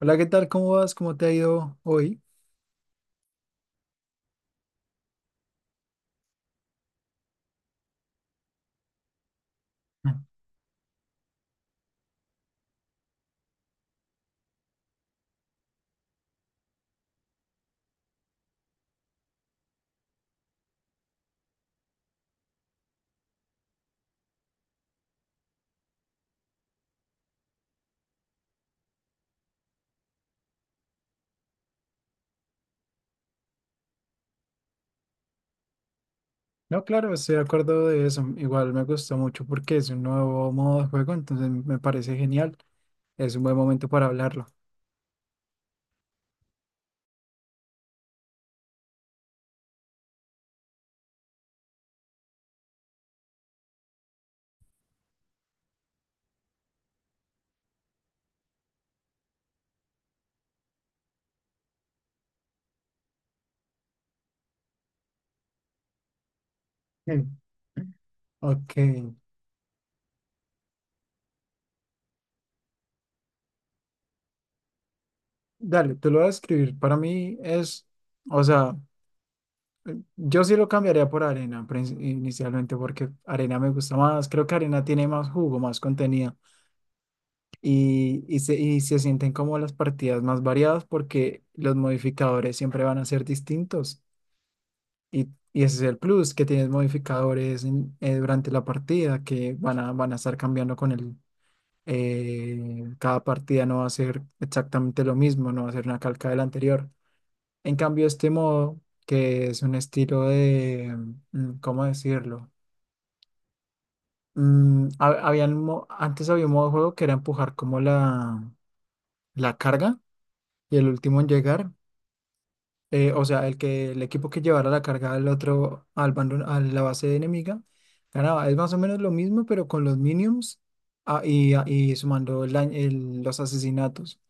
Hola, ¿qué tal? ¿Cómo vas? ¿Cómo te ha ido hoy? Mm. No, claro, estoy de acuerdo de eso. Igual me gustó mucho porque es un nuevo modo de juego, entonces me parece genial. Es un buen momento para hablarlo. Mm. Ok, dale, te lo voy a escribir. Para mí es, o sea, yo sí lo cambiaría por arena inicialmente porque arena me gusta más. Creo que arena tiene más jugo, más contenido y se sienten como las partidas más variadas porque los modificadores siempre van a ser distintos. Y, y ese es el plus, que tienes modificadores durante la partida que van a estar cambiando con cada partida no va a ser exactamente lo mismo, no va a ser una calca de la anterior. En cambio, este modo, que es un estilo de... ¿Cómo decirlo? Antes había un modo de juego que era empujar como la carga y el último en llegar. O sea, el que el equipo que llevara la carga al otro, al bando, a la base enemiga, ganaba. Es más o menos lo mismo, pero con los minions y sumando el los asesinatos.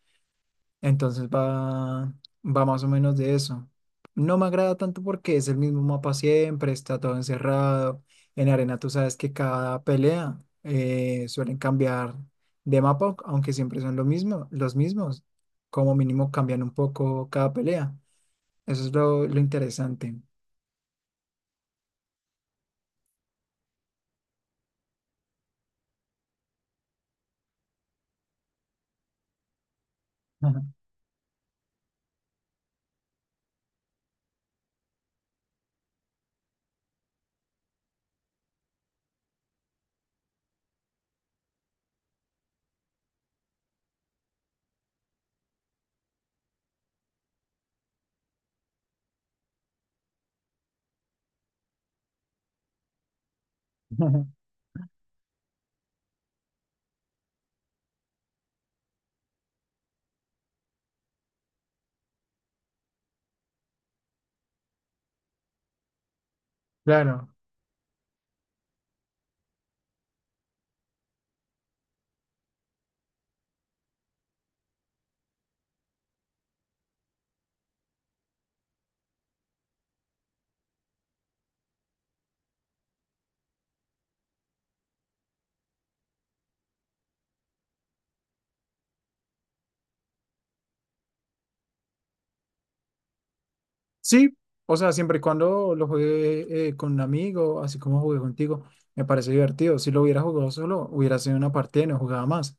Entonces va, va más o menos de eso. No me agrada tanto porque es el mismo mapa siempre, está todo encerrado. En arena tú sabes que cada pelea suelen cambiar de mapa, aunque siempre son lo mismo, los mismos. Como mínimo cambian un poco cada pelea. Eso es lo interesante. Ajá. Ajá. Claro. Sí, o sea, siempre y cuando lo juegue con un amigo, así como jugué contigo, me parece divertido. Si lo hubiera jugado solo, hubiera sido una partida y no jugaba más.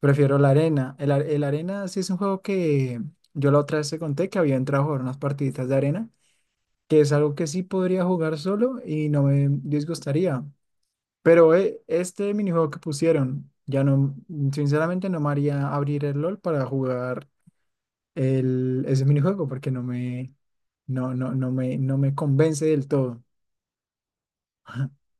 Prefiero la arena. El arena sí es un juego que yo la otra vez te conté que había entrado a jugar unas partiditas de arena, que es algo que sí podría jugar solo y no me disgustaría. Pero este minijuego que pusieron, ya no, sinceramente no me haría abrir el LOL para jugar ese minijuego porque no me, no, no, no me, no me convence del todo.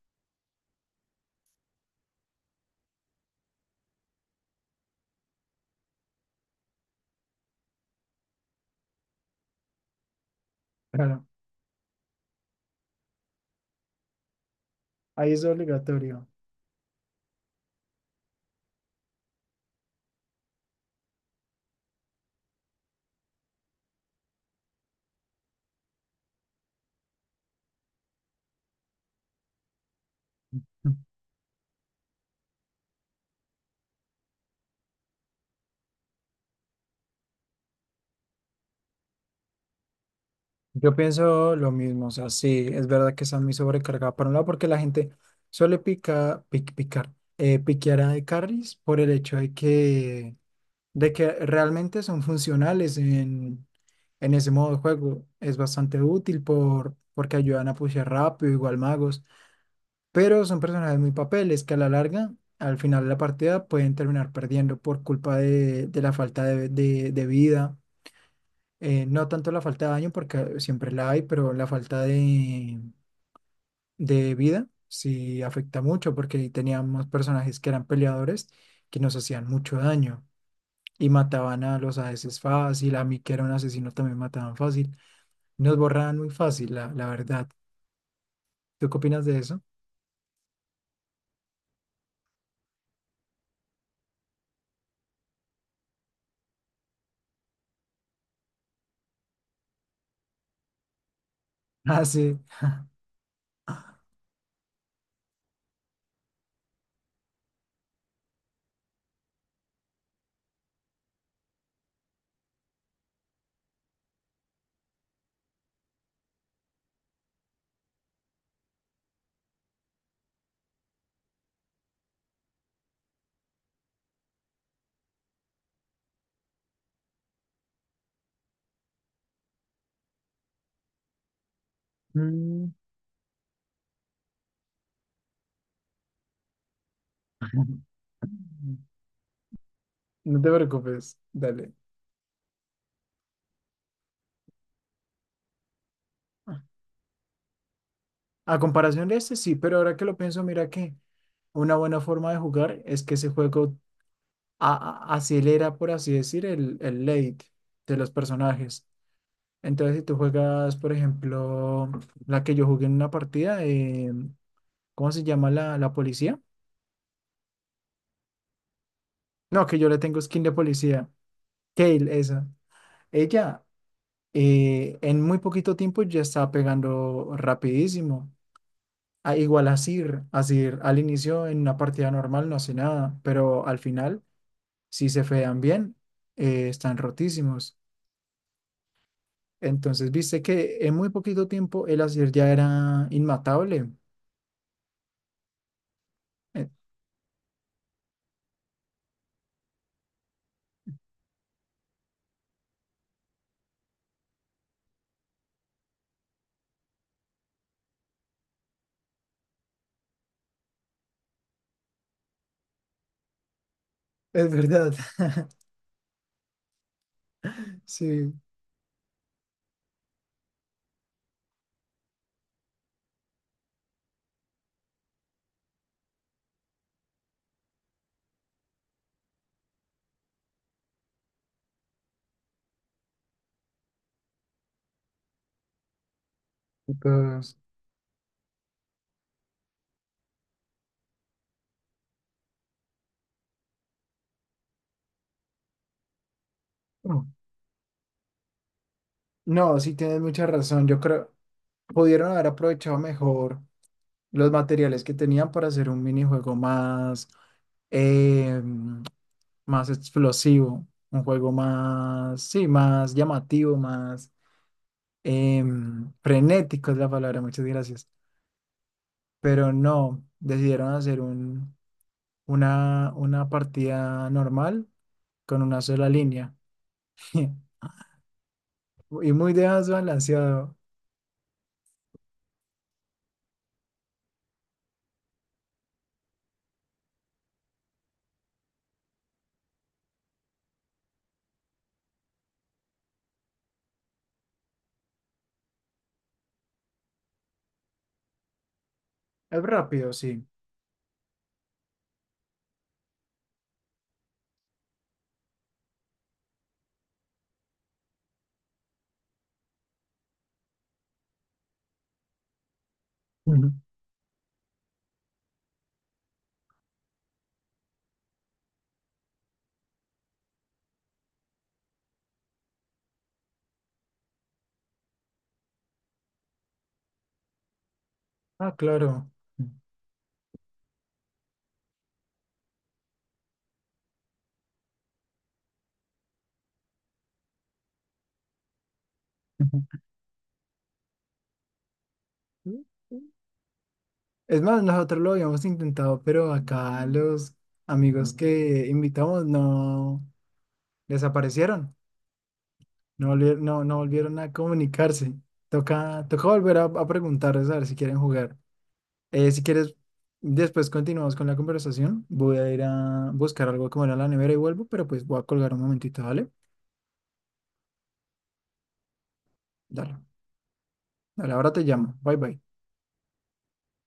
Claro, ahí es obligatorio. Yo pienso lo mismo, o sea, sí, es verdad que está muy sobrecargada por un lado porque la gente picar, piquear a de carries por el hecho de que realmente son funcionales en ese modo de juego. Es bastante útil porque ayudan a pushear rápido, igual magos. Pero son personajes muy papeles que a la larga, al final de la partida, pueden terminar perdiendo por culpa de la falta de vida. No tanto la falta de daño, porque siempre la hay, pero la falta de vida sí afecta mucho, porque teníamos personajes que eran peleadores que nos hacían mucho daño y mataban a los ADCs fácil, a mí que era un asesino también mataban fácil. Nos borraban muy fácil, la verdad. ¿Tú qué opinas de eso? Ah, sí. Mm. No te preocupes, dale. A comparación de este, sí, pero ahora que lo pienso, mira que una buena forma de jugar es que ese juego acelera, por así decir, el late de los personajes. Entonces, si tú juegas, por ejemplo, la que yo jugué en una partida de, ¿cómo se llama la policía? No, que yo le tengo skin de policía. Kale, esa. Ella, en muy poquito tiempo ya estaba pegando rapidísimo. Igual a Sir al inicio en una partida normal no hace nada, pero al final, si se fean bien, están rotísimos. Entonces, viste que en muy poquito tiempo el Azir ya era inmatable. Eh, Es verdad. Sí. entonces, mm. No, sí tienes mucha razón. Yo creo pudieron haber aprovechado mejor los materiales que tenían para hacer un minijuego más. eh, Más explosivo, un juego más, sí, más llamativo, más frenético es la palabra, muchas gracias. Pero no, decidieron hacer una partida normal con una sola línea y muy desbalanceado. Es rápido, sí. Ujú. Ah, claro. Ujú. Es más, nosotros lo habíamos intentado, pero acá los amigos que invitamos no desaparecieron. No, no volvieron a comunicarse. Toca volver a preguntarles a ver si quieren jugar. Si quieres, después continuamos con la conversación. Voy a ir a buscar algo como era la nevera y vuelvo, pero pues voy a colgar un momentito, ¿vale? Dale, dale, ahora te llamo. Bye bye.